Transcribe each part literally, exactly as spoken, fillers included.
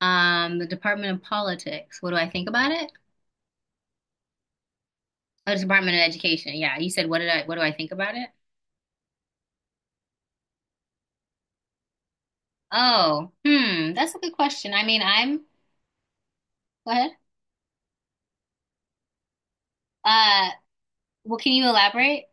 Um, the Department of Politics. What do I think about it? Oh, the Department of Education. Yeah, you said what did I what do I think about it? Oh, hmm, that's a good question. I mean, I'm Go ahead. Uh, well, can you elaborate?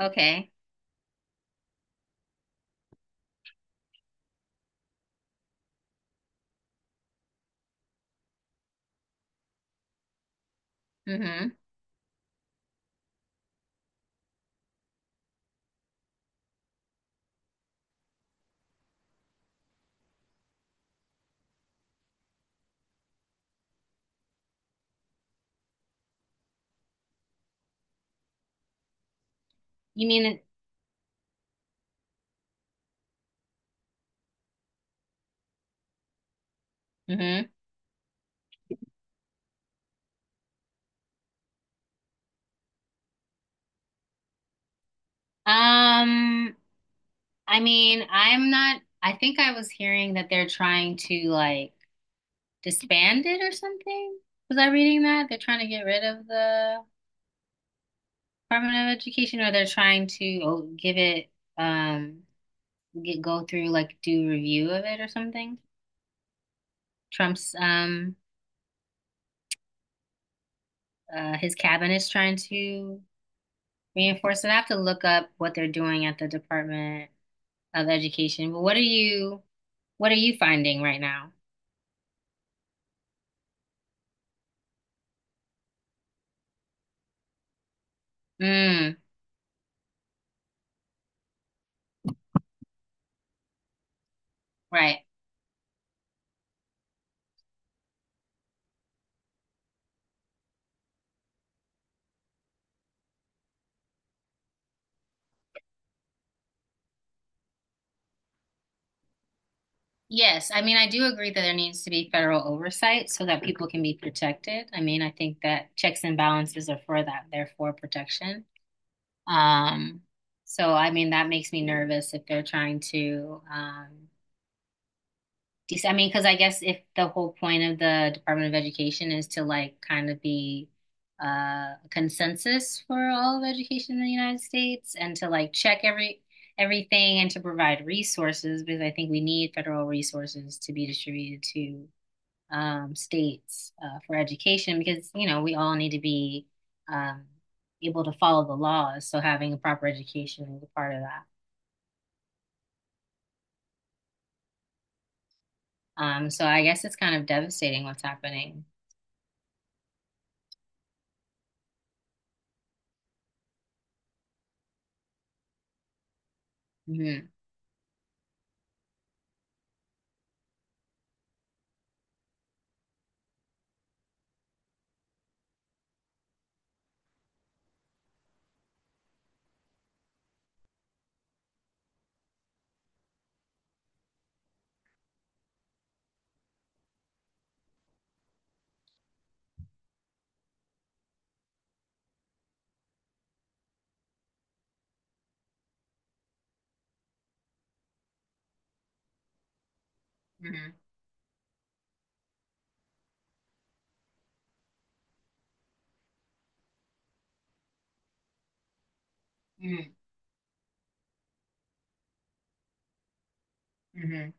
Okay. Mm-hmm. You mean mm-hmm. Um, I mean, I'm not I think I was hearing that they're trying to like disband it or something. Was I reading that? They're trying to get rid of the Department of Education, or they're trying to oh, give it um get, go through like do review of it or something. Trump's um uh his cabinet's trying to reinforce it. I have to look up what they're doing at the Department of Education. But what are you what are you finding right now? Mm, right. Yes, I mean I do agree that there needs to be federal oversight so that people can be protected. I mean, I think that checks and balances are for that. They're for protection. Um, so I mean that makes me nervous if they're trying to um Dec- I mean, because I guess if the whole point of the Department of Education is to like kind of be uh, a consensus for all of education in the United States and to like check every everything and to provide resources because I think we need federal resources to be distributed to um, states uh, for education, because you know we all need to be um, able to follow the laws. So having a proper education is a part of that. Um, so I guess it's kind of devastating what's happening. Hmm. Hmm. Mm, mhm.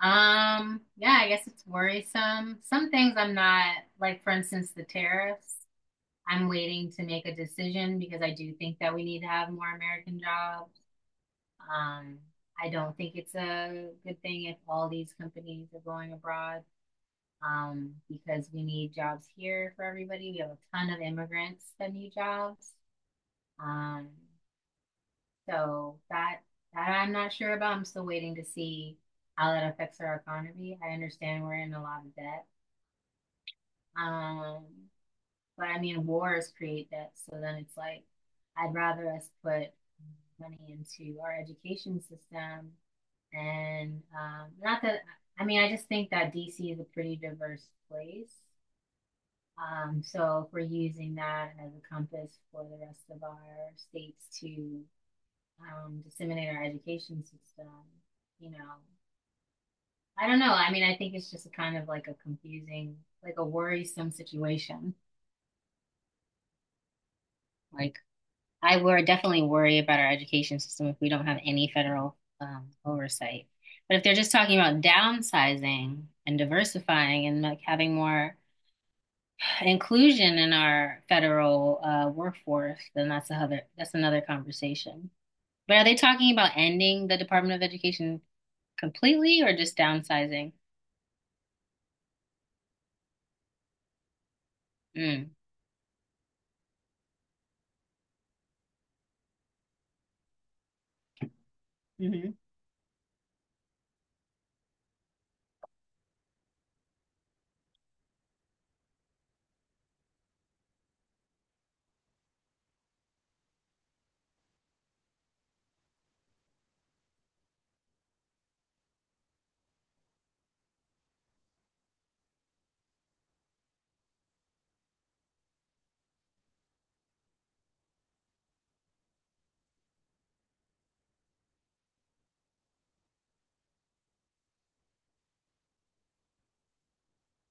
Um, yeah, I guess it's worrisome. Some things I'm not, like for instance, the tariffs. I'm waiting to make a decision because I do think that we need to have more American jobs. Um, I don't think it's a good thing if all these companies are going abroad, um, because we need jobs here for everybody. We have a ton of immigrants that need jobs. Um, So that that I'm not sure about. I'm still waiting to see how that affects our economy. I understand we're in a lot of debt. Um, but I mean wars create debt. So then it's like I'd rather us put money into our education system and um, not that. I mean I just think that D C is a pretty diverse place. Um, so if we're using that as a compass for the rest of our states to um, disseminate our education system. You know, I don't know. I mean, I think it's just a kind of like a confusing, like a worrisome situation. Like, I would definitely worry about our education system if we don't have any federal um, oversight. But if they're just talking about downsizing and diversifying and like having more inclusion in our federal uh, workforce, then that's another that's another conversation. But are they talking about ending the Department of Education completely or just downsizing? Mm. Hmm.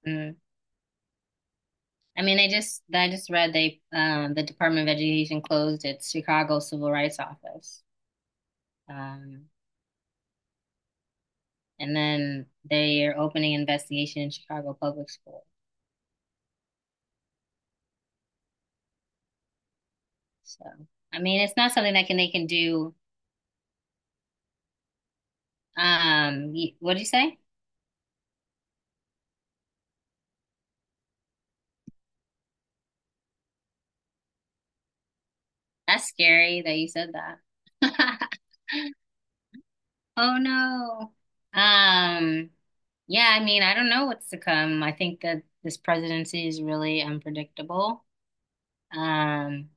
Mm. I mean, I just I just read they um the Department of Education closed its Chicago Civil Rights Office. Um, and then they are opening an investigation in Chicago Public School. So, I mean, it's not something that can they can do. Um, y- what'd you say? That's scary that you said that. Oh no. Um, yeah, I mean, I don't know what's to come. I think that this presidency is really unpredictable. Um,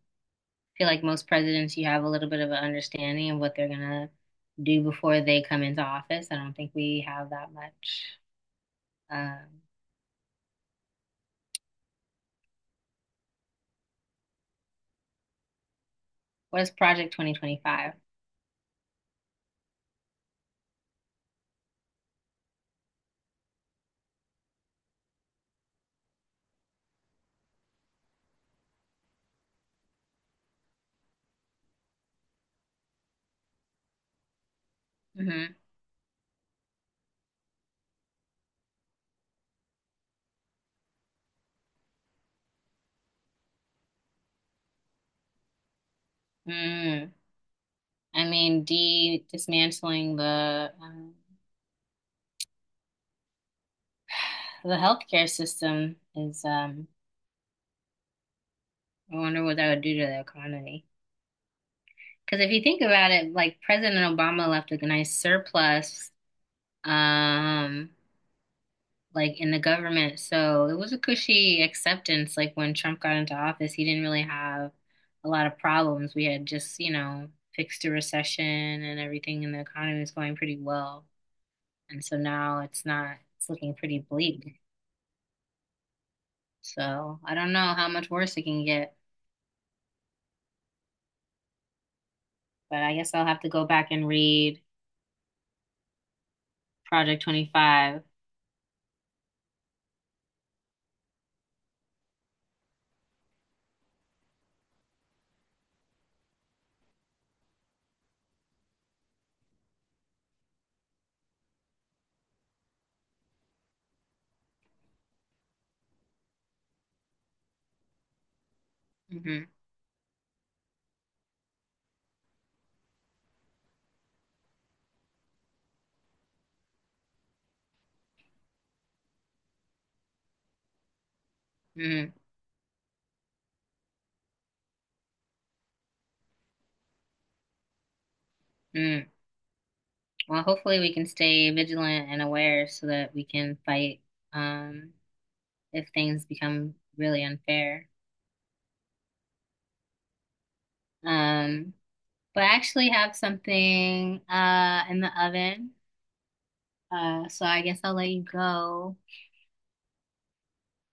Feel like most presidents, you have a little bit of an understanding of what they're gonna do before they come into office. I don't think we have that much. Um, what is Project twenty twenty-five? Hmm. Mm. I mean, de dismantling the um, the healthcare system is. Um, I wonder what that would do to the economy. Because if you think about it, like President Obama left a nice surplus. Um, like in the government. So it was a cushy acceptance. Like when Trump got into office, he didn't really have a lot of problems. We had just, you know, fixed a recession and everything, and the economy was going pretty well. And so now it's not, it's looking pretty bleak. So I don't know how much worse it can get, but I guess I'll have to go back and read Project twenty-five. Hmm. Hmm. Hmm. Well, hopefully we can stay vigilant and aware so that we can fight um, if things become really unfair. Um, but I actually have something uh in the oven. Uh, so I guess I'll let you go.